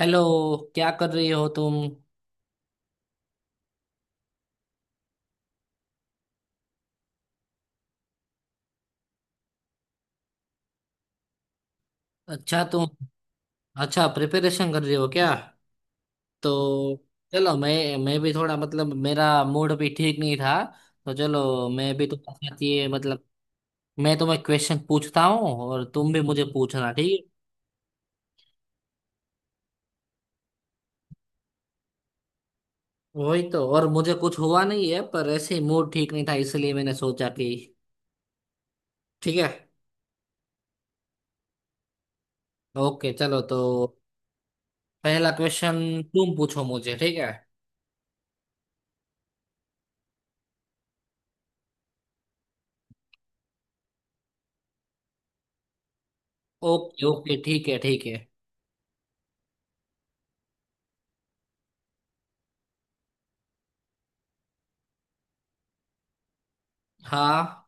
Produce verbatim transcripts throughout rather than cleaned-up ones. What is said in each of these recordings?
Hello. क्या कर रही हो तुम? अच्छा तुम। अच्छा प्रिपरेशन कर रही हो क्या? तो चलो, मैं मैं भी थोड़ा, मतलब मेरा मूड भी ठीक नहीं था। तो चलो मैं भी तुम्हारे साथ ये, मतलब मैं तुम्हें क्वेश्चन पूछता हूँ और तुम भी मुझे पूछना, ठीक है। वही तो। और मुझे कुछ हुआ नहीं है, पर ऐसे ही मूड ठीक नहीं था, इसलिए मैंने सोचा कि ठीक है। ओके चलो तो। पहला क्वेश्चन। तुम पूछो मुझे, ठीक है? ओके ओके, ठीक है ठीक है। हाँ।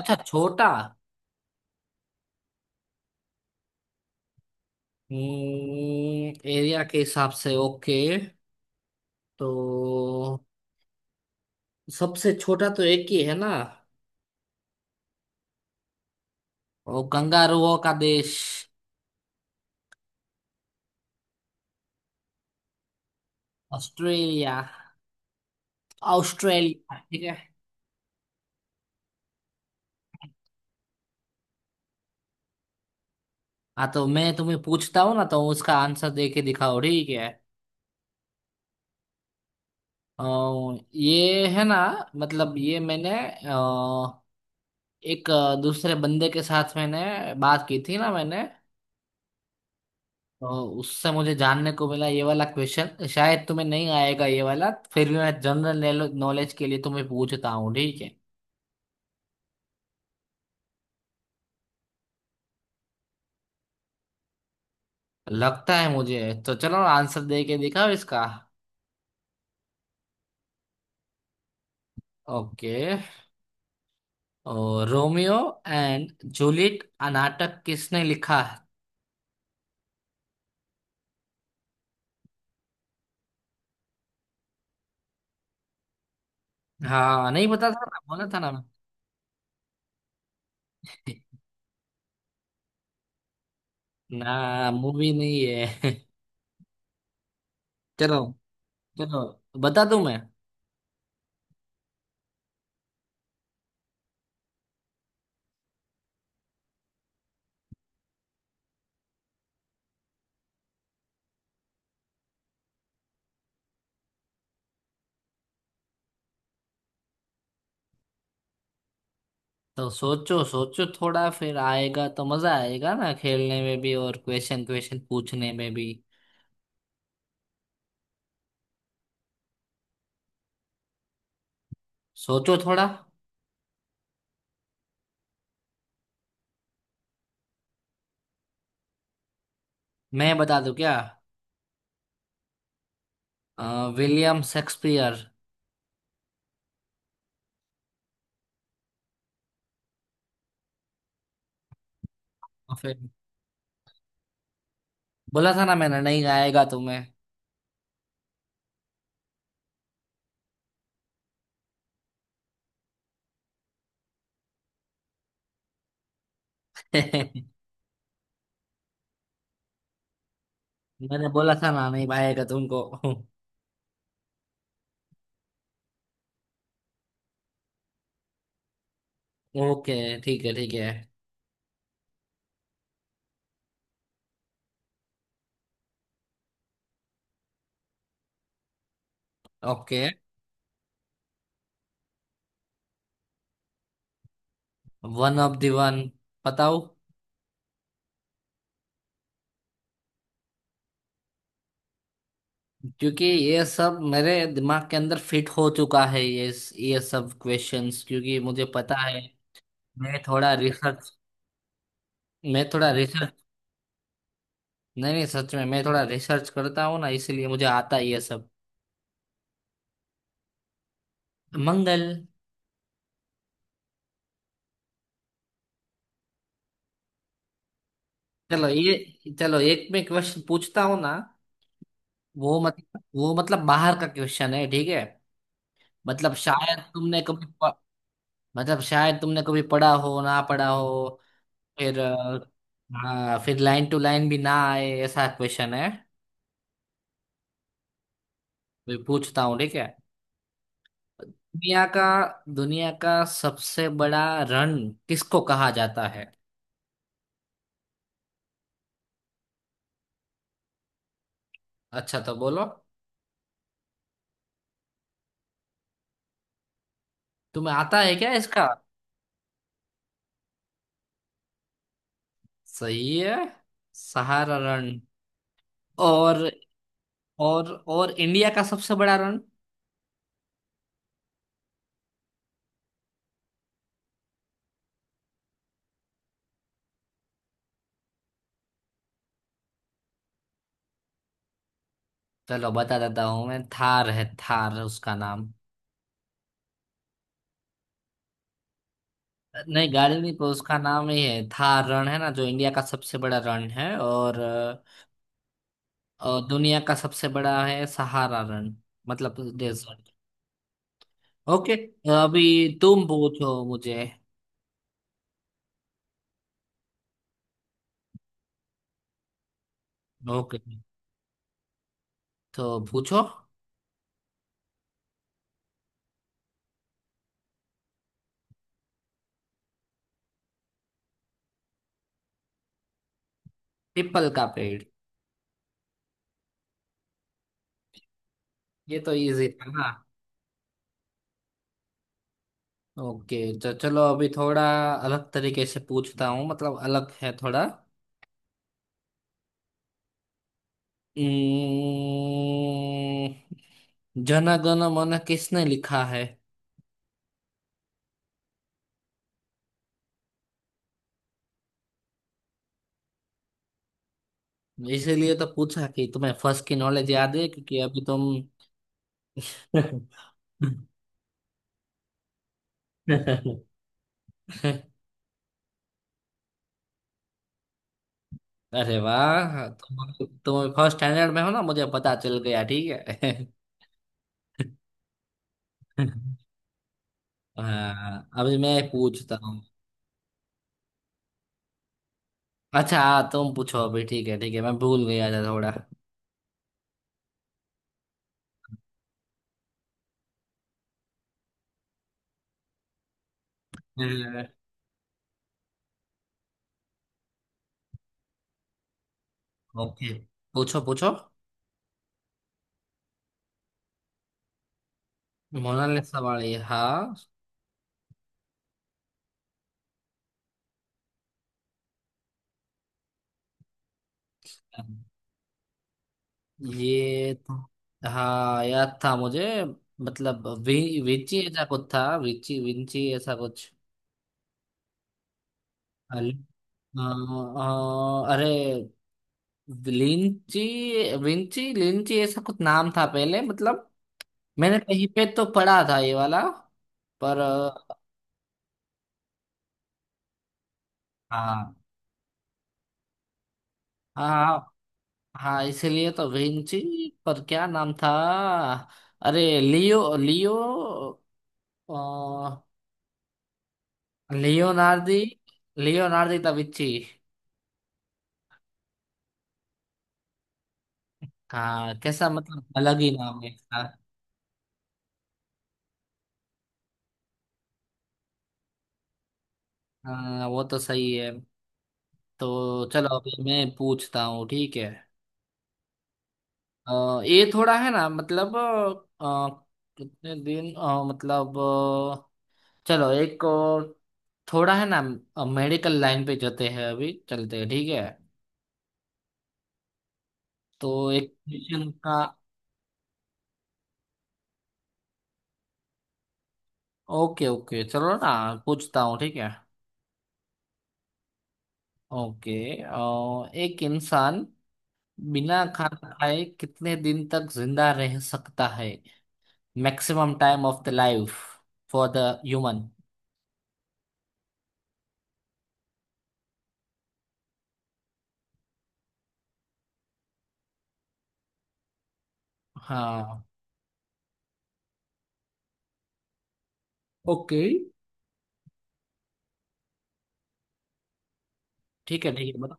अच्छा, छोटा। हम्म, एरिया के हिसाब से, ओके। तो सबसे छोटा तो एक ही है ना। वो कंगारुओं का देश। ऑस्ट्रेलिया। ऑस्ट्रेलिया, ठीक है। हाँ, तो मैं तुम्हें पूछता हूँ ना, तो उसका आंसर दे के दिखाओ, ठीक है। अ, ये है ना, मतलब ये मैंने, अ, एक अ, दूसरे बंदे के साथ मैंने बात की थी ना मैंने। तो उससे मुझे जानने को मिला। ये वाला क्वेश्चन शायद तुम्हें नहीं आएगा, ये वाला। फिर भी मैं जनरल नॉलेज के लिए तुम्हें पूछता हूँ, ठीक है। लगता है मुझे। तो चलो, आंसर दे के दिखाओ इसका। ओके। और रोमियो एंड जूलियट आ नाटक किसने लिखा है? हाँ, नहीं पता था ना, बोला था ना मैं। ना, मूवी नहीं है। चलो। चलो बता दूं मैं। तो सोचो सोचो थोड़ा, फिर आएगा तो मजा आएगा ना खेलने में भी, और क्वेश्चन क्वेश्चन पूछने में भी। सोचो थोड़ा। मैं बता दूं क्या? अ, विलियम शेक्सपियर। फिर, बोला था ना मैंने, नहीं आएगा तुम्हें। मैंने। बोला था ना नहीं आएगा तुमको। ओके, ठीक है ठीक है। Okay, one of the one. बताओ। क्योंकि ये सब मेरे दिमाग के अंदर फिट हो चुका है, ये ये सब क्वेश्चंस, क्योंकि मुझे पता है। मैं थोड़ा रिसर्च मैं थोड़ा रिसर्च नहीं नहीं, सच में मैं थोड़ा रिसर्च करता हूँ ना, इसलिए मुझे आता ही है ये सब। मंगल। चलो, ये चलो, एक मैं क्वेश्चन पूछता हूँ ना। वो मतलब वो मतलब बाहर का क्वेश्चन है, ठीक है। मतलब शायद तुमने कभी प- मतलब शायद तुमने कभी पढ़ा हो ना पढ़ा हो। फिर अ, हाँ, फिर लाइन टू लाइन भी ना आए, ऐसा क्वेश्चन है। मैं पूछता हूँ, ठीक है। दुनिया का दुनिया का सबसे बड़ा रन किसको कहा जाता है? अच्छा, तो बोलो। तुम्हें आता है क्या इसका? सही है। सहारा रण। और और और इंडिया का सबसे बड़ा रण? चलो, बता देता हूँ मैं। थार है, थार उसका नाम। नहीं, गाड़ी नहीं, पर उसका नाम ही है थार। रण है ना जो इंडिया का सबसे बड़ा रण है, और, और दुनिया का सबसे बड़ा है सहारा रण। मतलब डेजर्ट। ओके। अभी तुम पूछो मुझे। ओके, तो पूछो। पीपल का पेड़। ये तो इजी था। ओके, तो चलो अभी थोड़ा अलग तरीके से पूछता हूँ, मतलब अलग है थोड़ा। हम्म, जन गण मन किसने लिखा है? इसीलिए तो पूछा कि तुम्हें फर्स्ट की नॉलेज याद है, क्योंकि अभी तुम। अरे वाह, तुम तुम फर्स्ट स्टैंडर्ड में हो ना, मुझे पता चल गया, ठीक है। हाँ, अभी मैं पूछता हूँ। अच्छा हाँ, तुम पूछो अभी, ठीक है ठीक है, मैं भूल गया था थोड़ा। ओके, पूछो पूछो। मोनालिसा वाली, हाँ। ये तो- हाँ, याद था मुझे। मतलब वि, विची ऐसा कुछ था, विची विंची ऐसा कुछ। अल- अ, अ, अरे, लिंची, विंची लिंची ऐसा कुछ नाम था पहले, मतलब मैंने कहीं पे तो पढ़ा था ये वाला, पर अ, हाँ हाँ हाँ, इसलिए तो विंची। पर क्या नाम था? अरे लियो लियो, आ, लियोनार्दी लियोनार्दी तविची। हाँ, कैसा, मतलब अलग ही नाम है इसका। हाँ, वो तो सही है। तो चलो, अभी मैं पूछता हूँ, ठीक है। अ, ये थोड़ा है ना, मतलब अ, कितने दिन, अ, मतलब अ, चलो एक और, थोड़ा है ना, मेडिकल लाइन पे जाते हैं अभी, चलते हैं, ठीक है। तो एक क्वेश्चन का। ओके ओके, चलो ना। पूछता हूँ, ठीक है। ओके। अ, एक इंसान बिना खाना खाए कितने दिन तक जिंदा रह सकता है? Maximum time of the life for the human. हाँ। ओके ठीक है ठीक है, बताओ।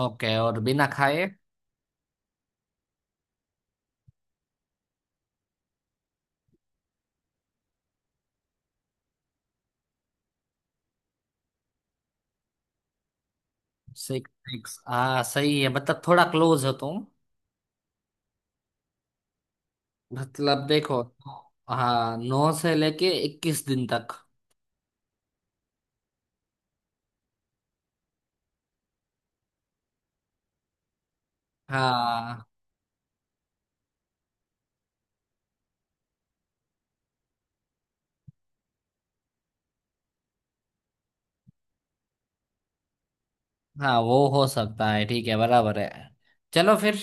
ओके, और बिना खाए? सिक्स सिक्स, हाँ सही है, मतलब थोड़ा क्लोज हो तुम। मतलब देखो। हाँ, नौ से लेके इक्कीस दिन तक। हाँ हाँ, वो हो सकता है, ठीक है, बराबर है। चलो फिर।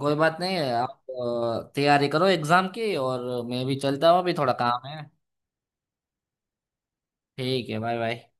कोई बात नहीं है, आप। अ, तैयारी करो एग्जाम की, और मैं भी चलता हूँ, अभी थोड़ा काम है। ठीक है, बाय बाय।